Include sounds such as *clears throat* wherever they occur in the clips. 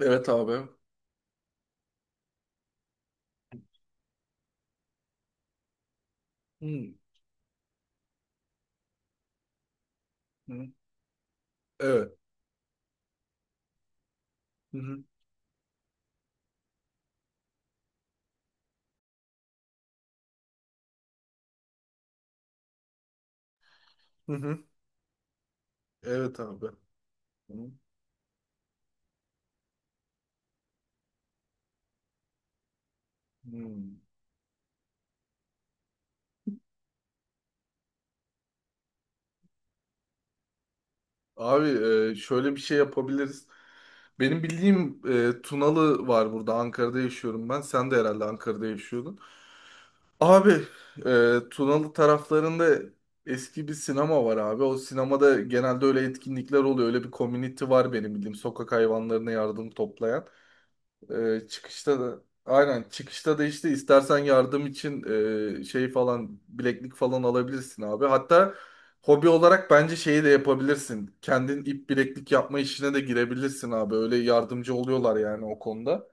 Evet abi. Hı hı. Evet. Hı hı. Hı hı. Evet abi. Hı hı. Abi, şöyle bir şey yapabiliriz. Benim bildiğim, Tunalı var burada. Ankara'da yaşıyorum ben. Sen de herhalde Ankara'da yaşıyordun. Abi, Tunalı taraflarında eski bir sinema var abi. O sinemada genelde öyle etkinlikler oluyor. Öyle bir community var benim bildiğim. Sokak hayvanlarına yardım toplayan. Çıkışta da aynen çıkışta da işte istersen yardım için, şey falan bileklik falan alabilirsin abi. Hatta hobi olarak bence şeyi de yapabilirsin. Kendin ip bileklik yapma işine de girebilirsin abi. Öyle yardımcı oluyorlar yani o konuda.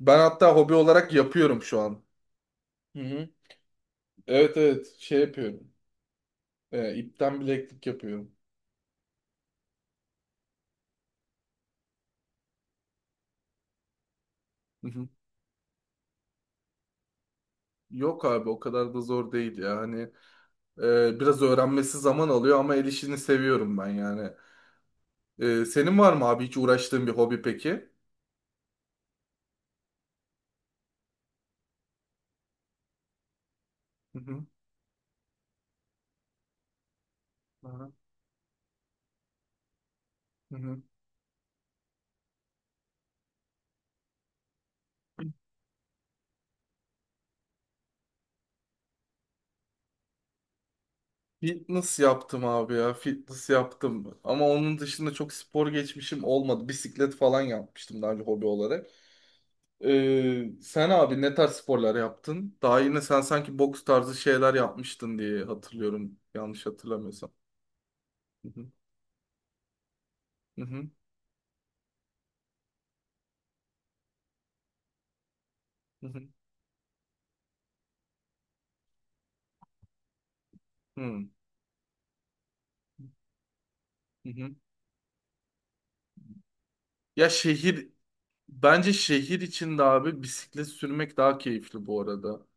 Ben hatta hobi olarak yapıyorum şu an. Hı hı. Evet, evet, şey yapıyorum. İpten bileklik yapıyorum. Hı hı. Yok abi, o kadar da zor değil ya. Hani, biraz öğrenmesi zaman alıyor ama el işini seviyorum ben yani. Senin var mı abi hiç uğraştığın bir hobi peki? Hı hı. Aha. Hı hı. Fitness yaptım abi ya. Fitness yaptım. Ama onun dışında çok spor geçmişim olmadı. Bisiklet falan yapmıştım daha önce hobi olarak. Sen abi ne tarz sporlar yaptın? Daha yine sen sanki boks tarzı şeyler yapmıştın diye hatırlıyorum. Yanlış hatırlamıyorsam. Hı hı. Hı hı. Hı hı. Hı hı. Ya şehir Bence şehir içinde abi bisiklet sürmek daha keyifli bu arada.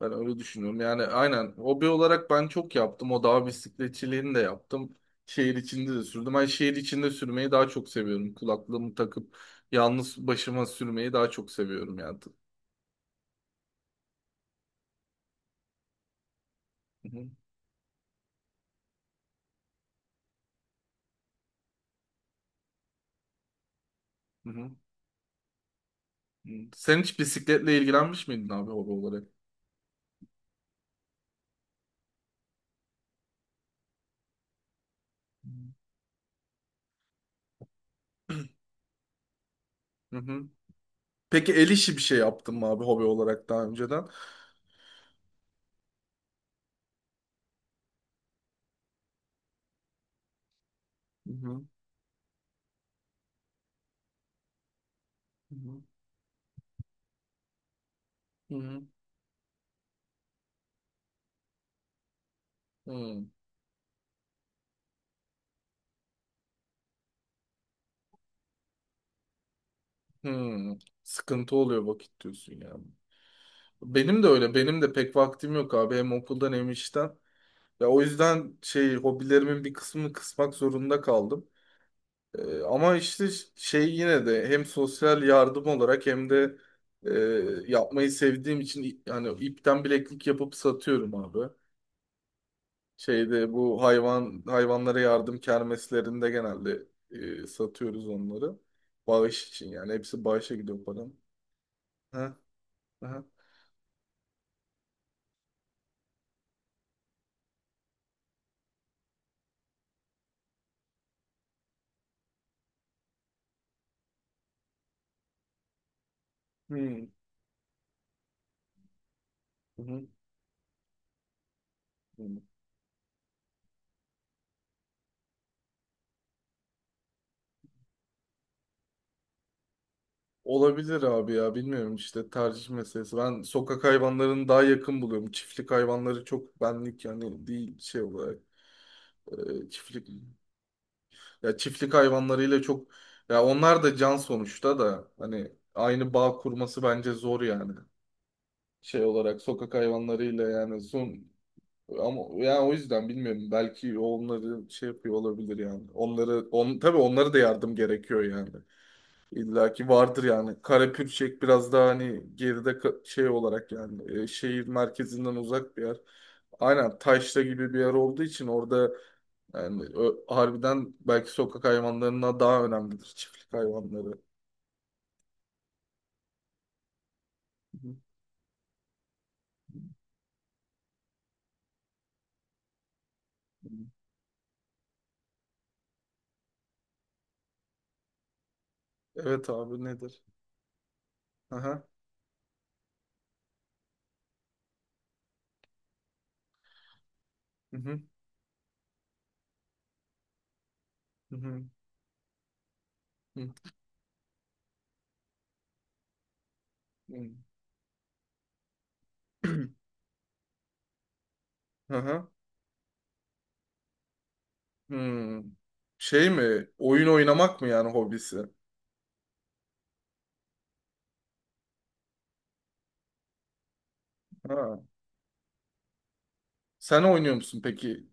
Ben öyle düşünüyorum. Yani aynen hobi olarak ben çok yaptım. O dağ bisikletçiliğini de yaptım. Şehir içinde de sürdüm. Ben şehir içinde sürmeyi daha çok seviyorum. Kulaklığımı takıp yalnız başıma sürmeyi daha çok seviyorum yani. Hı hı, hı hı. Hı. Sen hiç bisikletle ilgilenmiş miydin abi hobi olarak? Hı hı. Peki el işi bir şey yaptın mı abi hobi olarak daha önceden? Hı hı, hı hı, hı hı, hı. Sıkıntı oluyor vakit diyorsun yani. Benim de öyle. Benim de pek vaktim yok abi. Hem okuldan hem işten. Ya o yüzden şey hobilerimin bir kısmını kısmak zorunda kaldım. Ama işte şey yine de hem sosyal yardım olarak hem de, e, yapmayı sevdiğim için yani ipten bileklik yapıp satıyorum abi. Şeyde bu hayvanlara yardım kermeslerinde genelde, satıyoruz onları. Bağış için yani hepsi bağışa gidiyor param. Ha, ha. Hmm. Hı hı. Olabilir abi ya, bilmiyorum işte tercih meselesi. Ben sokak hayvanlarını daha yakın buluyorum. Çiftlik hayvanları çok benlik yani değil şey olarak, çiftlik ya çiftlik hayvanlarıyla çok ya onlar da can sonuçta da hani aynı bağ kurması bence zor yani. Şey olarak sokak hayvanlarıyla yani son, ama yani o yüzden bilmiyorum belki onları şey yapıyor olabilir yani. Onları on tabii onlara da yardım gerekiyor yani. İlla ki vardır yani. Karapürçek biraz daha hani geride, şey olarak yani, şehir merkezinden uzak bir yer. Aynen, taşra gibi bir yer olduğu için orada yani, harbiden belki sokak hayvanlarına daha önemlidir çiftlik hayvanları. Hı hı. Evet abi, nedir? Aha. Hı hı. Hı hı. Hı hı. *clears throat* Aha. Hmm. Şey mi? Oyun oynamak mı yani hobisi? Ha. Sen oynuyor musun peki?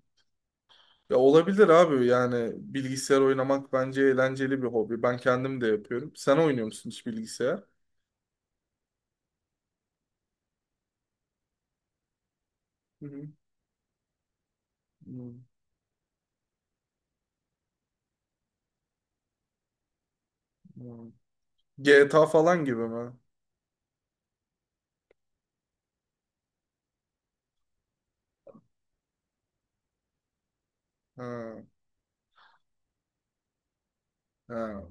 Ya, olabilir abi yani bilgisayar oynamak bence eğlenceli bir hobi. Ben kendim de yapıyorum. Sen oynuyor musun hiç bilgisayar? Hı hı. Hmm, hmm. GTA falan gibi mi? Ha, ha.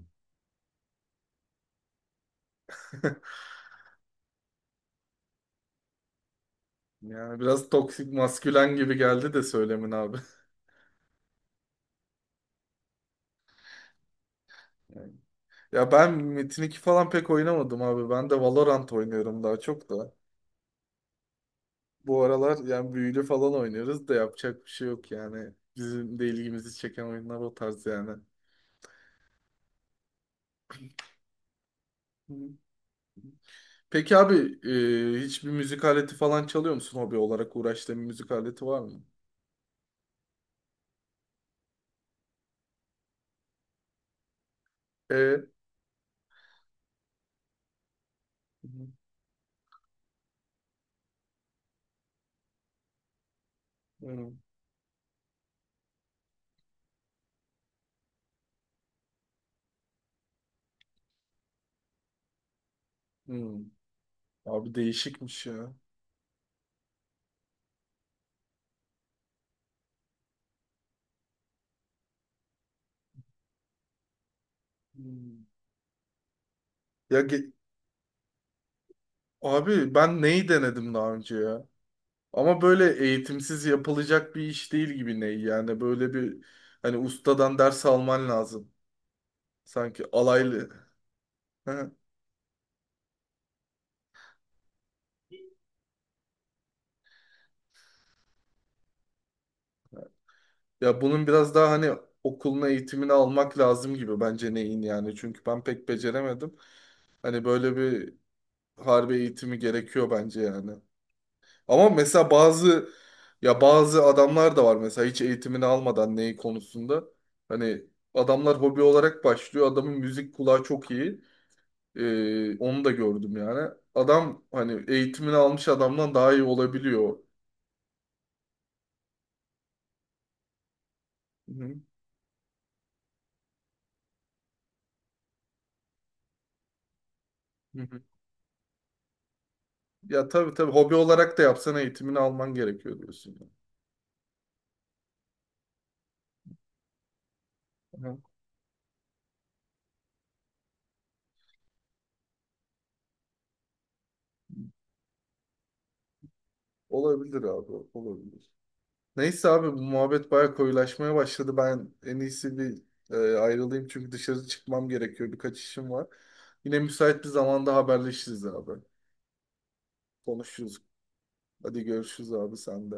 *laughs* Yani biraz toksik maskülen gibi geldi de söylemin abi. *laughs* Yani. Ya ben Metin 2 falan pek oynamadım abi. Ben de Valorant oynuyorum daha çok da. Bu aralar yani büyülü falan oynuyoruz da yapacak bir şey yok yani. Bizim de ilgimizi çeken oyunlar o tarz yani. Peki abi, hiçbir müzik aleti falan çalıyor musun hobi olarak uğraştığın bir müzik aleti var mı? E, Hı hı, hı, hı. Abi değişikmiş ya. Hmm. Ya, abi ben neyi denedim daha önce ya? Ama böyle eğitimsiz yapılacak bir iş değil gibi ney yani, böyle bir, hani ustadan ders alman lazım. Sanki alaylı. Hı. Ya bunun biraz daha hani okuluna eğitimini almak lazım gibi bence neyin yani, çünkü ben pek beceremedim. Hani böyle bir harbi eğitimi gerekiyor bence yani. Ama mesela bazı adamlar da var mesela hiç eğitimini almadan neyi konusunda. Hani adamlar hobi olarak başlıyor. Adamın müzik kulağı çok iyi. Onu da gördüm yani. Adam hani eğitimini almış adamdan daha iyi olabiliyor. Hı hı. Hı hı. Ya tabii, tabii, hobi olarak da yapsan eğitimini alman gerekiyor diyorsun yani. Hı. Olabilir abi, olabilir. Neyse abi bu muhabbet bayağı koyulaşmaya başladı. Ben en iyisi bir, ayrılayım çünkü dışarı çıkmam gerekiyor. Birkaç işim var. Yine müsait bir zamanda haberleşiriz abi. Konuşuruz. Hadi görüşürüz abi, sen de.